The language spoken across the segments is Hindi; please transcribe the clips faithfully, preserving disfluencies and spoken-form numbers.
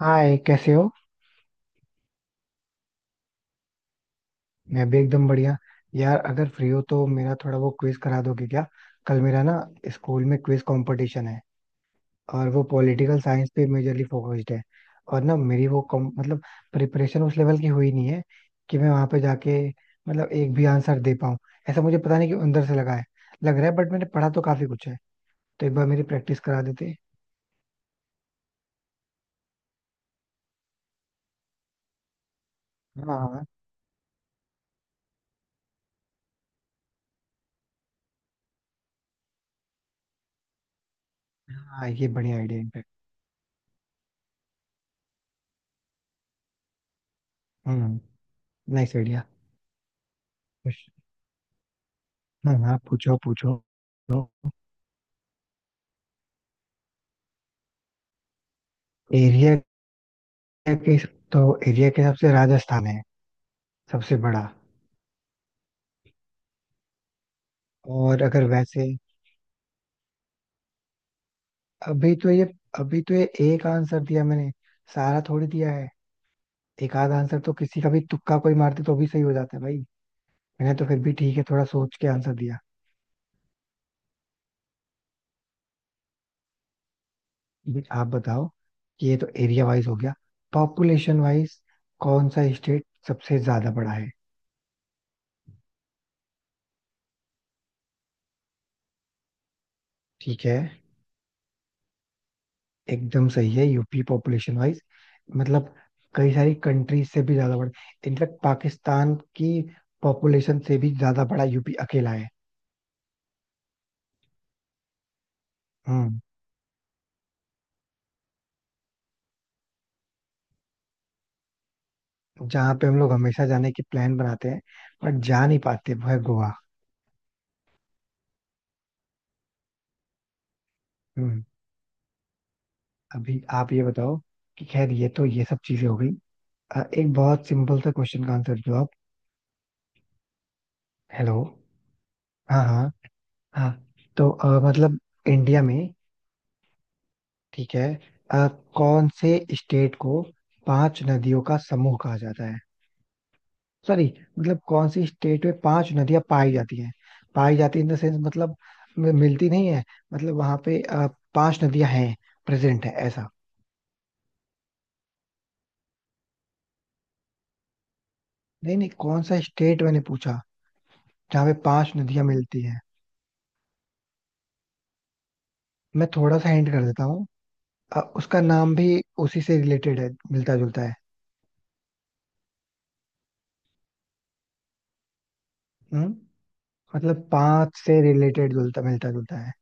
हाय, कैसे हो? मैं भी एकदम बढ़िया। यार, अगर फ्री हो तो मेरा थोड़ा वो क्विज करा दोगे क्या? कल मेरा ना, स्कूल में क्विज कंपटीशन है। और वो पॉलिटिकल साइंस पे मेजरली फोकस्ड है। और ना मेरी वो कम, मतलब प्रिपरेशन उस लेवल की हुई नहीं है कि मैं वहां पे जाके मतलब एक भी आंसर दे पाऊँ ऐसा मुझे पता नहीं कि अंदर से लगा है लग रहा है। बट मैंने पढ़ा तो काफी कुछ है। तो एक बार मेरी प्रैक्टिस करा देते। हाँ, हाँ। हाँ, ये बढ़िया idea in fact. Hmm. Nice idea. हाँ, हाँ, पूछो पूछो। एरिया? एरिया के? तो एरिया के हिसाब से राजस्थान है सबसे बड़ा। और अगर वैसे। अभी तो ये अभी तो ये एक आंसर दिया मैंने। सारा थोड़ी दिया है। एक आध आंसर तो किसी का भी तुक्का कोई मारते तो भी सही हो जाता है भाई। मैंने तो फिर भी ठीक है थोड़ा सोच के आंसर दिया। अभी आप बताओ कि ये तो एरिया वाइज हो गया। पॉपुलेशन वाइज कौन सा स्टेट सबसे ज्यादा बड़ा है? ठीक है। एकदम सही है, यूपी पॉपुलेशन वाइज। मतलब कई सारी कंट्रीज से भी ज्यादा बड़ा। इनफैक्ट पाकिस्तान की पॉपुलेशन से भी ज्यादा बड़ा यूपी अकेला है। हम्म। जहाँ पे हम लोग हमेशा जाने की प्लान बनाते हैं बट जा नहीं पाते वो है गोवा। हम्म। अभी आप ये बताओ कि खैर ये तो ये सब चीजें हो गई। अ, एक बहुत सिंपल सा क्वेश्चन का आंसर दो आप। हेलो? हाँ, हाँ। हाँ। तो अ, मतलब इंडिया में। ठीक है। अ, कौन से स्टेट को पांच नदियों का समूह कहा जाता है? सॉरी, मतलब कौन सी स्टेट में पांच नदियां पाई जाती हैं। पाई जाती है इन द सेंस मतलब मि- मिलती नहीं है। मतलब वहां पे अ, पांच नदियां हैं, प्रेजेंट है ऐसा। नहीं, नहीं, कौन सा स्टेट मैंने पूछा जहाँ पे पांच नदियां मिलती हैं? मैं थोड़ा सा हिंट कर देता हूँ। अ, उसका नाम भी उसी से रिलेटेड है, मिलता जुलता है। हम्म। मतलब पांच से रिलेटेड, जुलता मिलता जुलता है।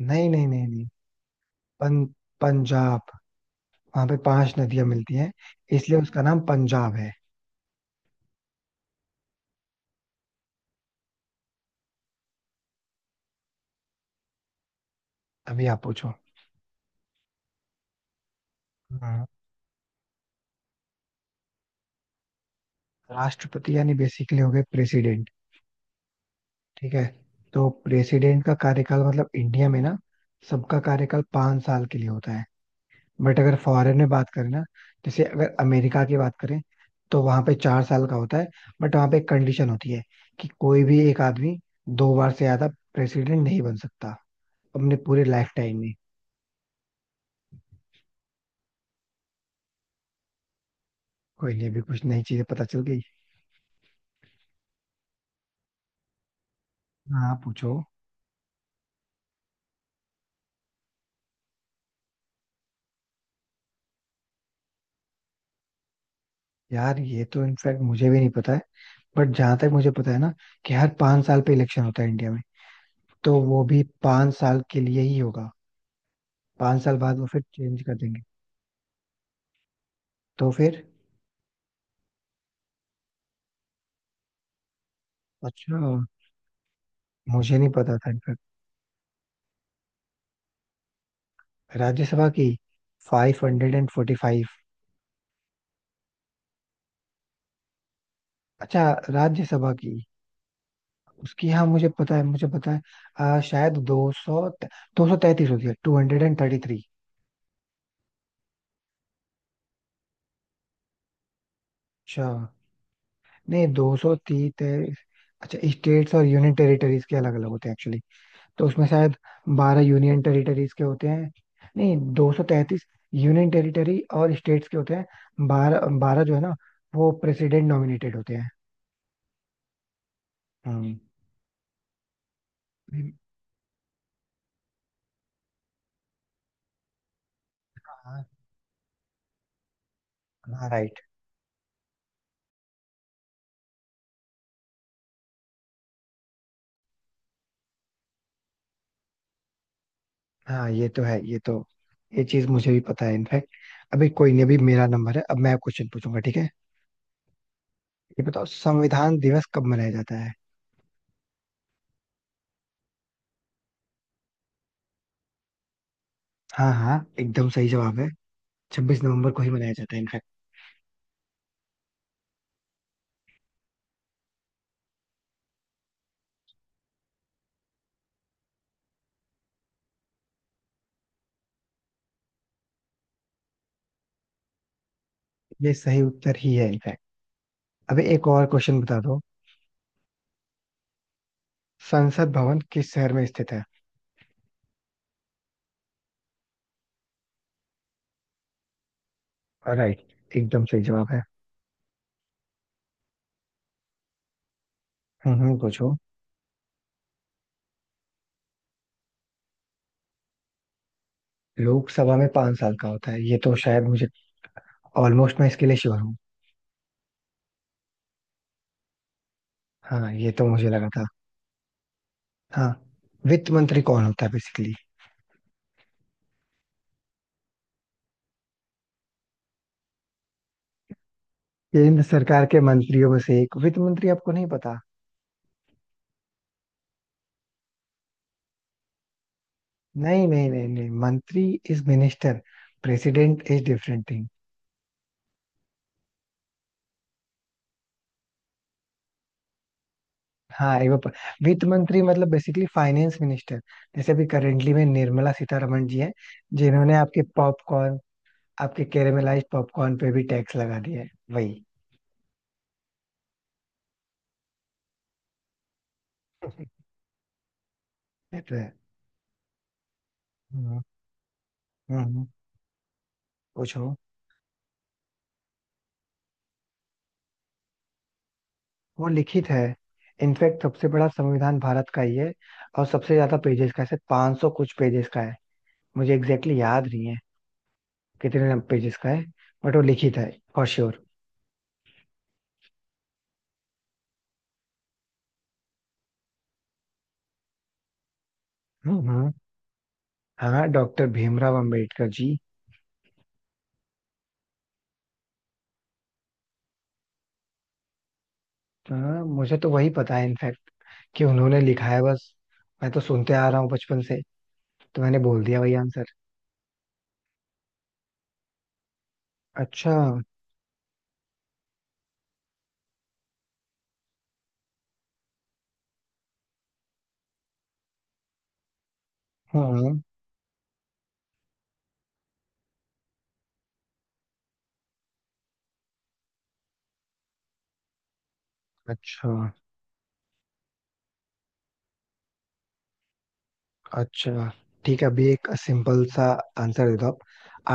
नहीं, नहीं, नहीं, नहीं। पं, पंजाब। वहां पे पांच नदियां मिलती हैं। इसलिए उसका नाम पंजाब है। अभी आप पूछो। हाँ। राष्ट्रपति यानी बेसिकली हो गए प्रेसिडेंट। ठीक है। तो प्रेसिडेंट का कार्यकाल मतलब इंडिया में ना, सबका कार्यकाल पांच साल के लिए होता है। बट अगर फॉरेन में बात करें ना, जैसे अगर अमेरिका की बात करें तो वहां पे चार साल का होता है। बट वहां पे एक कंडीशन होती है कि कोई भी एक आदमी दो बार से ज्यादा प्रेसिडेंट नहीं बन सकता अपने पूरे लाइफ टाइम में। कोई नहीं, अभी कुछ नई चीजें पता चल गई। हाँ, पूछो। यार, ये तो इनफैक्ट मुझे भी नहीं पता है। बट जहां तक मुझे पता है ना, कि हर पांच साल पे इलेक्शन होता है इंडिया में, तो वो भी पांच साल के लिए ही होगा। पांच साल बाद वो फिर चेंज कर देंगे। तो फिर। अच्छा, मुझे नहीं पता था इनफैक्ट। राज्यसभा की? Five hundred and forty five. अच्छा, राज्यसभा की। उसकी हाँ, मुझे पता है मुझे पता है। आ, शायद दो सौ दो सौ तैतीस होती है, two hundred and thirty three. अच्छा। नहीं, दो सौ तीस। अच्छा, स्टेट्स और यूनियन टेरिटरीज के अलग अलग होते हैं एक्चुअली। तो उसमें शायद बारह यूनियन टेरिटरीज के होते हैं। नहीं, दो सौ तैंतीस। यूनियन टेरिटरी और स्टेट्स के होते हैं बारह बारह जो है ना, वो प्रेसिडेंट नॉमिनेटेड होते हैं। हम्म। हाँ, हाँ, राइट। हाँ, ये तो है, ये तो ये चीज मुझे भी पता है इनफैक्ट। अभी कोई नहीं, अभी मेरा नंबर है, अब मैं क्वेश्चन पूछूंगा ठीक है। ये बताओ संविधान दिवस कब मनाया जाता है? हाँ, हाँ, एकदम सही जवाब है। छब्बीस नवंबर को ही मनाया जाता है इनफैक्ट। ये सही उत्तर ही है इनफैक्ट। अभी एक और क्वेश्चन बता दो। संसद भवन किस शहर में स्थित है? राइट, एकदम सही जवाब है। हम्म, हम्म, पूछो। लोकसभा में पांच साल का होता है, ये तो शायद मुझे ऑलमोस्ट, मैं इसके लिए श्योर हूँ। हाँ, ये तो मुझे लगा था। हाँ। वित्त मंत्री कौन होता है बेसिकली? केंद्र सरकार के मंत्रियों में से एक वित्त मंत्री आपको नहीं पता? नहीं, नहीं, नहीं, नहीं, मंत्री is minister. President is different thing. हाँ, ये वो प- वित्त मंत्री मतलब बेसिकली फाइनेंस मिनिस्टर। जैसे अभी करेंटली में निर्मला सीतारमण जी हैं। जिन्होंने आपके पॉपकॉर्न आपके कैरेमलाइज्ड पॉपकॉर्न पे भी टैक्स लगा दिया है। वही। ये तो है। हम्म, हम्म, पूछो। वो लिखित है। इनफैक्ट सबसे बड़ा संविधान भारत का ही है। और सबसे ज्यादा पेजेस का है, पांच सौ कुछ पेजेस का है। मुझे एग्जैक्टली exactly याद नहीं है कितने पेजेस का है। बट वो लिखित है फॉर श्योर। हम्म, हम्म, हाँ, डॉक्टर भीमराव अम्बेडकर जी। हाँ, मुझे तो वही पता है इनफैक्ट कि उन्होंने लिखा है बस। मैं तो सुनते आ रहा हूँ बचपन से, तो मैंने बोल दिया वही आंसर। अच्छा। हाँ। अच्छा, अच्छा। ठीक है, अभी एक सिंपल सा आंसर दे दो आप।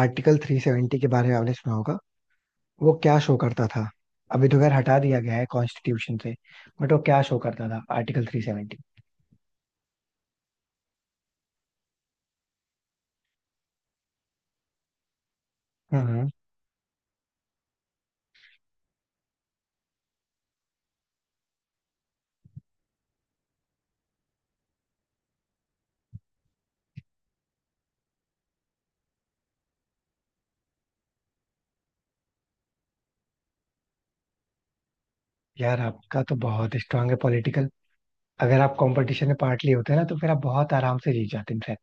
आर्टिकल तीन सौ सत्तर के बारे में आपने सुना होगा, वो क्या शो करता था? अभी तो खैर हटा दिया गया है कॉन्स्टिट्यूशन से, बट वो क्या शो करता था आर्टिकल तीन सौ सत्तर? हम्म। यार, आपका तो बहुत स्ट्रांग है पॉलिटिकल। अगर आप कंपटीशन में पार्ट लिए होते ना तो फिर आप बहुत आराम से जीत जाते इनफैक्ट।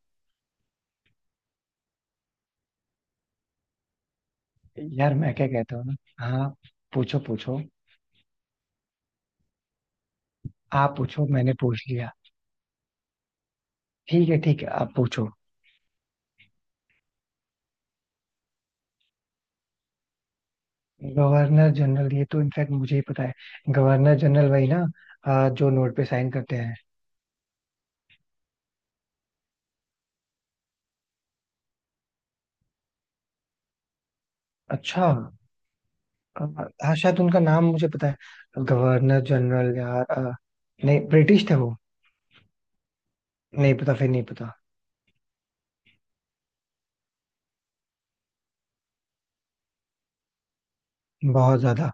यार, मैं क्या कहता हूँ ना। हाँ, पूछो पूछो। आप पूछो, मैंने पूछ लिया। ठीक है, ठीक है, आप पूछो। गवर्नर जनरल, ये तो इनफैक्ट मुझे ही पता है। गवर्नर जनरल वही ना, अ, जो नोट पे साइन करते हैं। अच्छा। अ, हाँ, शायद उनका नाम मुझे पता है। गवर्नर जनरल यार, अ, नहीं, ब्रिटिश थे वो। नहीं पता, फिर नहीं पता। बहुत ज्यादा।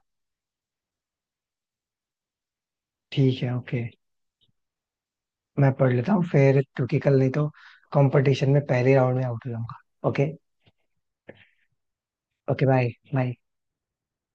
ठीक है, ओके। मैं पढ़ लेता हूँ फिर, क्योंकि कल नहीं तो कंपटीशन में पहले राउंड में आउट हो जाऊंगा। ओके। Okay, bye. बाय।